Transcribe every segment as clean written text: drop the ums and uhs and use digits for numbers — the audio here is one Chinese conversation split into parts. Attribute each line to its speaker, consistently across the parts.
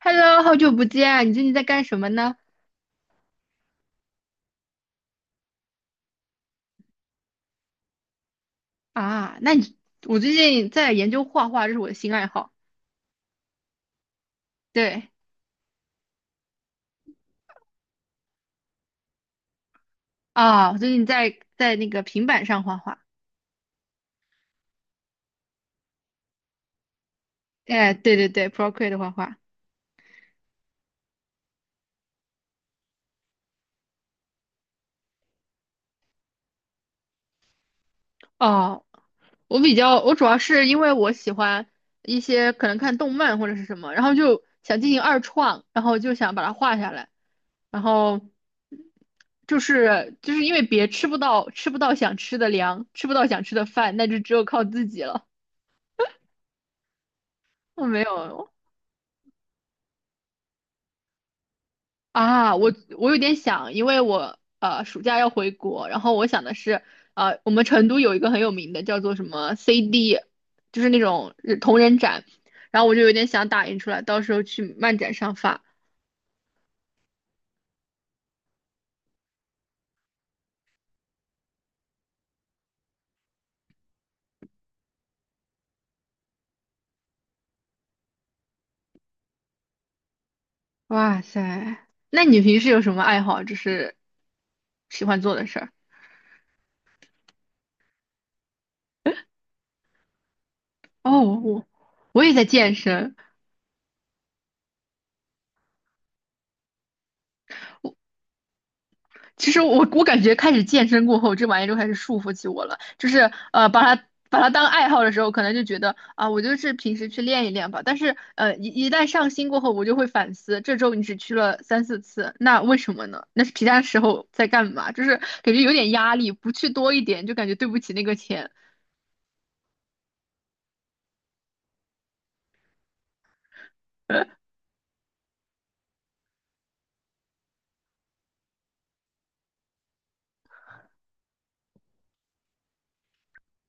Speaker 1: Hello，好久不见啊，你最近在干什么呢？啊，那你我最近在研究画画，这是我的新爱好。对啊，我最近在那个平板上画画。哎，对对对，Procreate 画画。哦，我比较，我主要是因为我喜欢一些可能看动漫或者是什么，然后就想进行二创，然后就想把它画下来，然后就是因为别吃不到想吃的粮，吃不到想吃的饭，那就只有靠自己了。我没有。啊，我我有点想，因为我暑假要回国，然后我想的是，我们成都有一个很有名的叫做什么 CD，就是那种同人展，然后我就有点想打印出来，到时候去漫展上发。哇塞，那你平时有什么爱好，就是喜欢做的事儿？哦，我也在健身，其实我感觉开始健身过后，这玩意儿就开始束缚起我了。就是把它当爱好的时候，可能就觉得啊，我就是平时去练一练吧。但是一旦上心过后，我就会反思，这周你只去了三四次，那为什么呢？那是其他时候在干嘛？就是感觉有点压力，不去多一点就感觉对不起那个钱。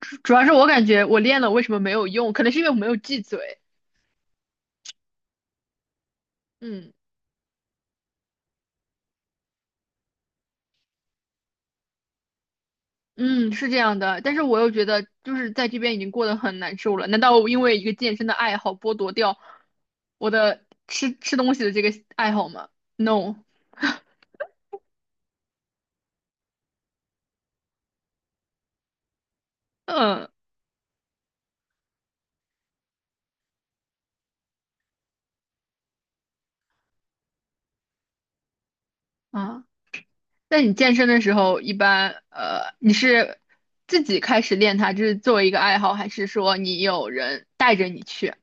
Speaker 1: 主要是我感觉我练了为什么没有用？可能是因为我没有记嘴。嗯嗯，是这样的，但是我又觉得就是在这边已经过得很难受了，难道我因为一个健身的爱好剥夺掉我的吃东西的这个爱好吗？No，嗯啊，那你健身的时候一般你是自己开始练它，就是作为一个爱好，还是说你有人带着你去？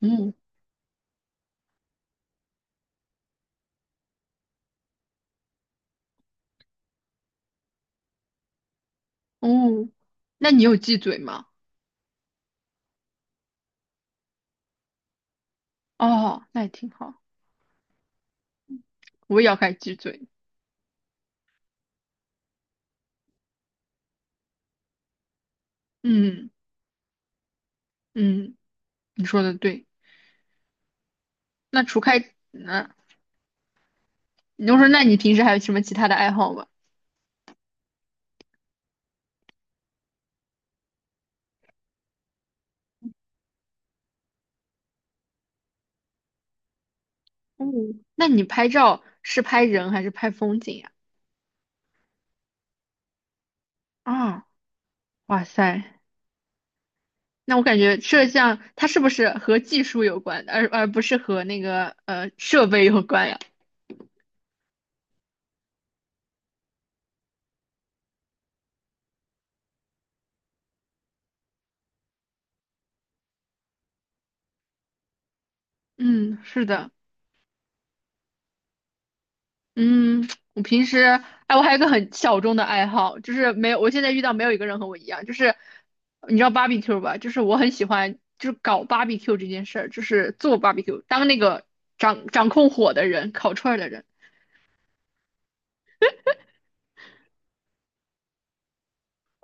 Speaker 1: 嗯哦，那你有忌嘴吗？哦，那也挺好，我也要开始忌嘴。嗯嗯，你说的对。那除开那你就说，那你平时还有什么其他的爱好吗？嗯，那你拍照是拍人还是拍风景呀？啊，哇塞，那我感觉摄像它是不是和技术有关，而不是和那个设备有关呀？嗯，是的，嗯，我平时哎，我还有一个很小众的爱好，就是没有，我现在遇到没有一个人和我一样，就是你知道 barbecue 吧？就是我很喜欢，就是搞 barbecue 这件事儿，就是做 barbecue，当那个掌控火的人，烤串儿的人。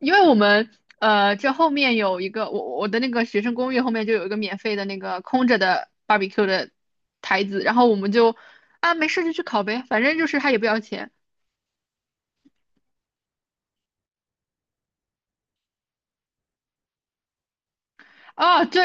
Speaker 1: 因为我们这后面有一个我的那个学生公寓后面就有一个免费的那个空着的 barbecue 的台子，然后我们就啊没事就去烤呗，反正就是他也不要钱啊。对，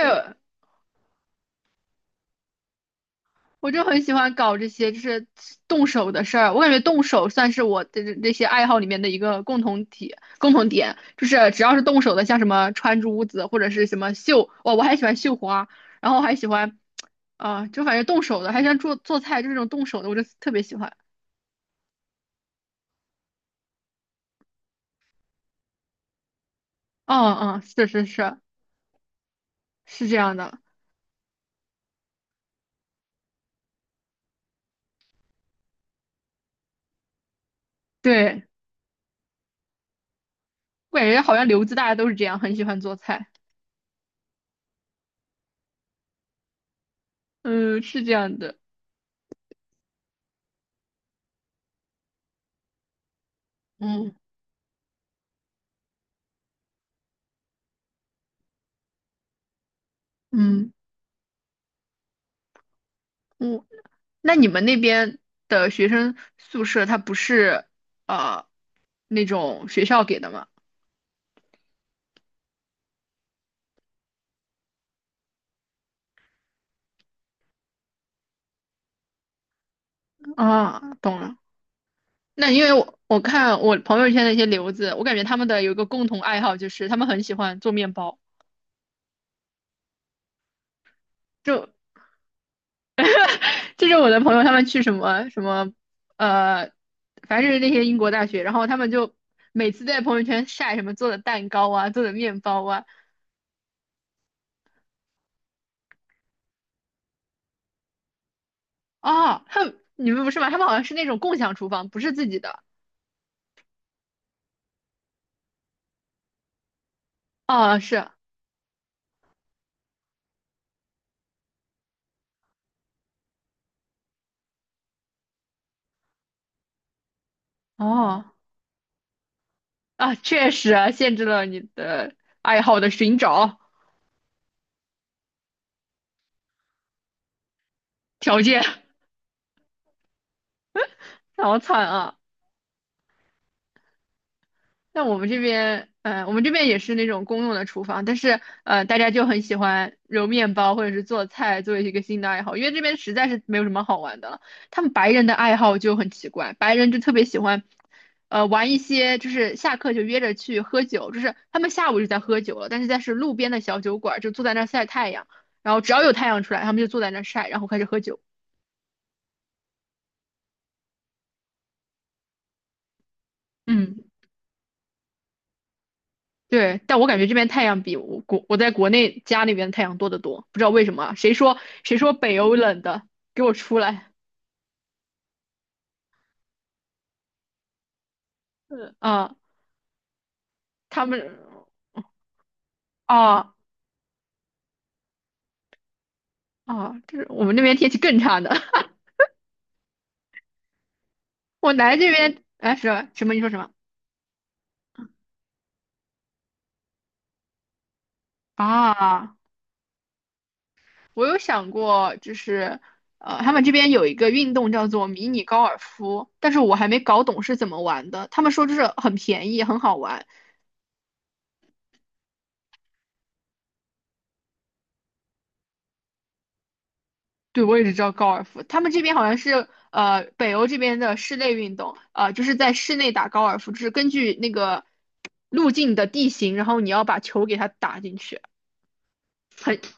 Speaker 1: 我就很喜欢搞这些就是动手的事儿，我感觉动手算是我的这些爱好里面的一个共同点，就是只要是动手的，像什么穿珠子或者是什么绣，哦，我还喜欢绣花，然后还喜欢啊、就反正动手的，还喜欢做做菜，就是这种动手的，我就特别喜欢。嗯嗯，是是是是这样的，对，我感觉好像留子大家都是这样，很喜欢做菜。嗯，是这样的。嗯嗯嗯，那你们那边的学生宿舍，它不是呃那种学校给的吗？啊，懂了。那因为我看我朋友圈的一些留子，我感觉他们的有一个共同爱好就是他们很喜欢做面包。就。就是我的朋友他们去什么什么，呃，凡是那些英国大学，然后他们就每次在朋友圈晒什么做的蛋糕啊，做的面包啊，哦，他们你们不是吗？他们好像是那种共享厨房，不是自己的。哦，是，哦，啊，确实啊，限制了你的爱好的寻找条件，好惨啊。那我们这边，我们这边也是那种公用的厨房，但是大家就很喜欢揉面包或者是做菜作为一个新的爱好，因为这边实在是没有什么好玩的了。他们白人的爱好就很奇怪，白人就特别喜欢，玩一些就是下课就约着去喝酒，就是他们下午就在喝酒了，但是在是路边的小酒馆就坐在那儿晒太阳，然后只要有太阳出来，他们就坐在那儿晒，然后开始喝酒。嗯。对，但我感觉这边太阳比我在国内家那边太阳多得多，不知道为什么啊？谁说北欧冷的？给我出来！嗯啊，他们啊啊，这是我们那边天气更差的。我来这边，哎，什么？你说什么啊？我有想过，就是他们这边有一个运动叫做迷你高尔夫，但是我还没搞懂是怎么玩的。他们说就是很便宜，很好玩。对，我也只知道高尔夫，他们这边好像是北欧这边的室内运动，就是在室内打高尔夫，就是根据那个路径的地形，然后你要把球给它打进去，很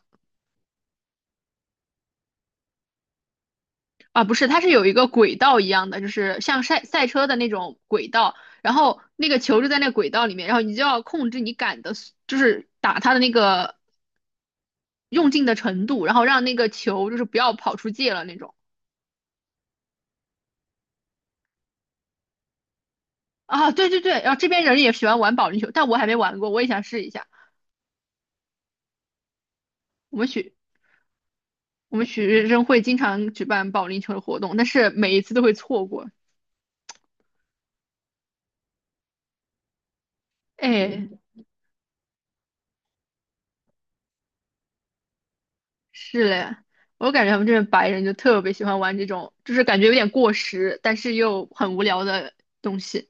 Speaker 1: 啊不是，它是有一个轨道一样的，就是像赛车的那种轨道，然后那个球就在那个轨道里面，然后你就要控制你杆的就是打它的那个用劲的程度，然后让那个球就是不要跑出界了那种啊，对对对，然后这边人也喜欢玩保龄球，但我还没玩过，我也想试一下。我们学我们学生会经常举办保龄球的活动，但是每一次都会错过。哎，嗯，是嘞，我感觉他们这边白人就特别喜欢玩这种，就是感觉有点过时，但是又很无聊的东西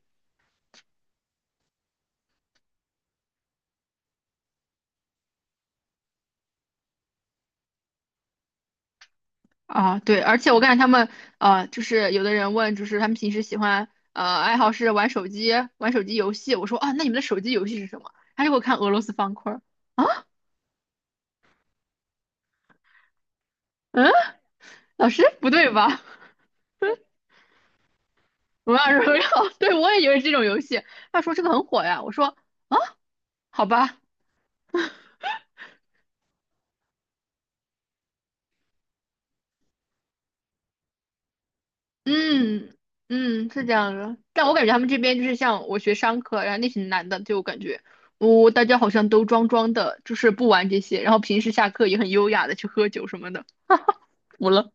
Speaker 1: 啊。对，而且我感觉他们就是有的人问，就是他们平时喜欢爱好是玩手机，玩手机游戏。我说啊，那你们的手机游戏是什么？他就给我看俄罗斯方块儿啊，嗯，老师不对吧？我要荣耀，对我也以为是这种游戏。他说这个很火呀，我说。啊。好吧，嗯嗯，是这样的。但我感觉他们这边就是像我学商科，然后那群男的，就我感觉，哦，大家好像都装装的，就是不玩这些，然后平时下课也很优雅的去喝酒什么的，服了，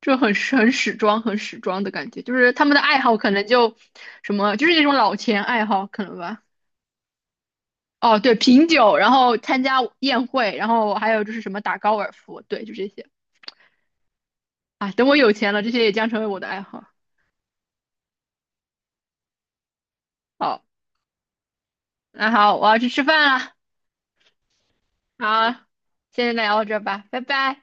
Speaker 1: 就很始装，很始装的感觉，就是他们的爱好可能就什么，就是那种老钱爱好可能吧。哦，对，品酒，然后参加宴会，然后还有就是什么打高尔夫，对，就这些。啊，等我有钱了，这些也将成为我的爱好。好，那好，我要去吃饭了。好，现在聊到这儿吧，拜拜。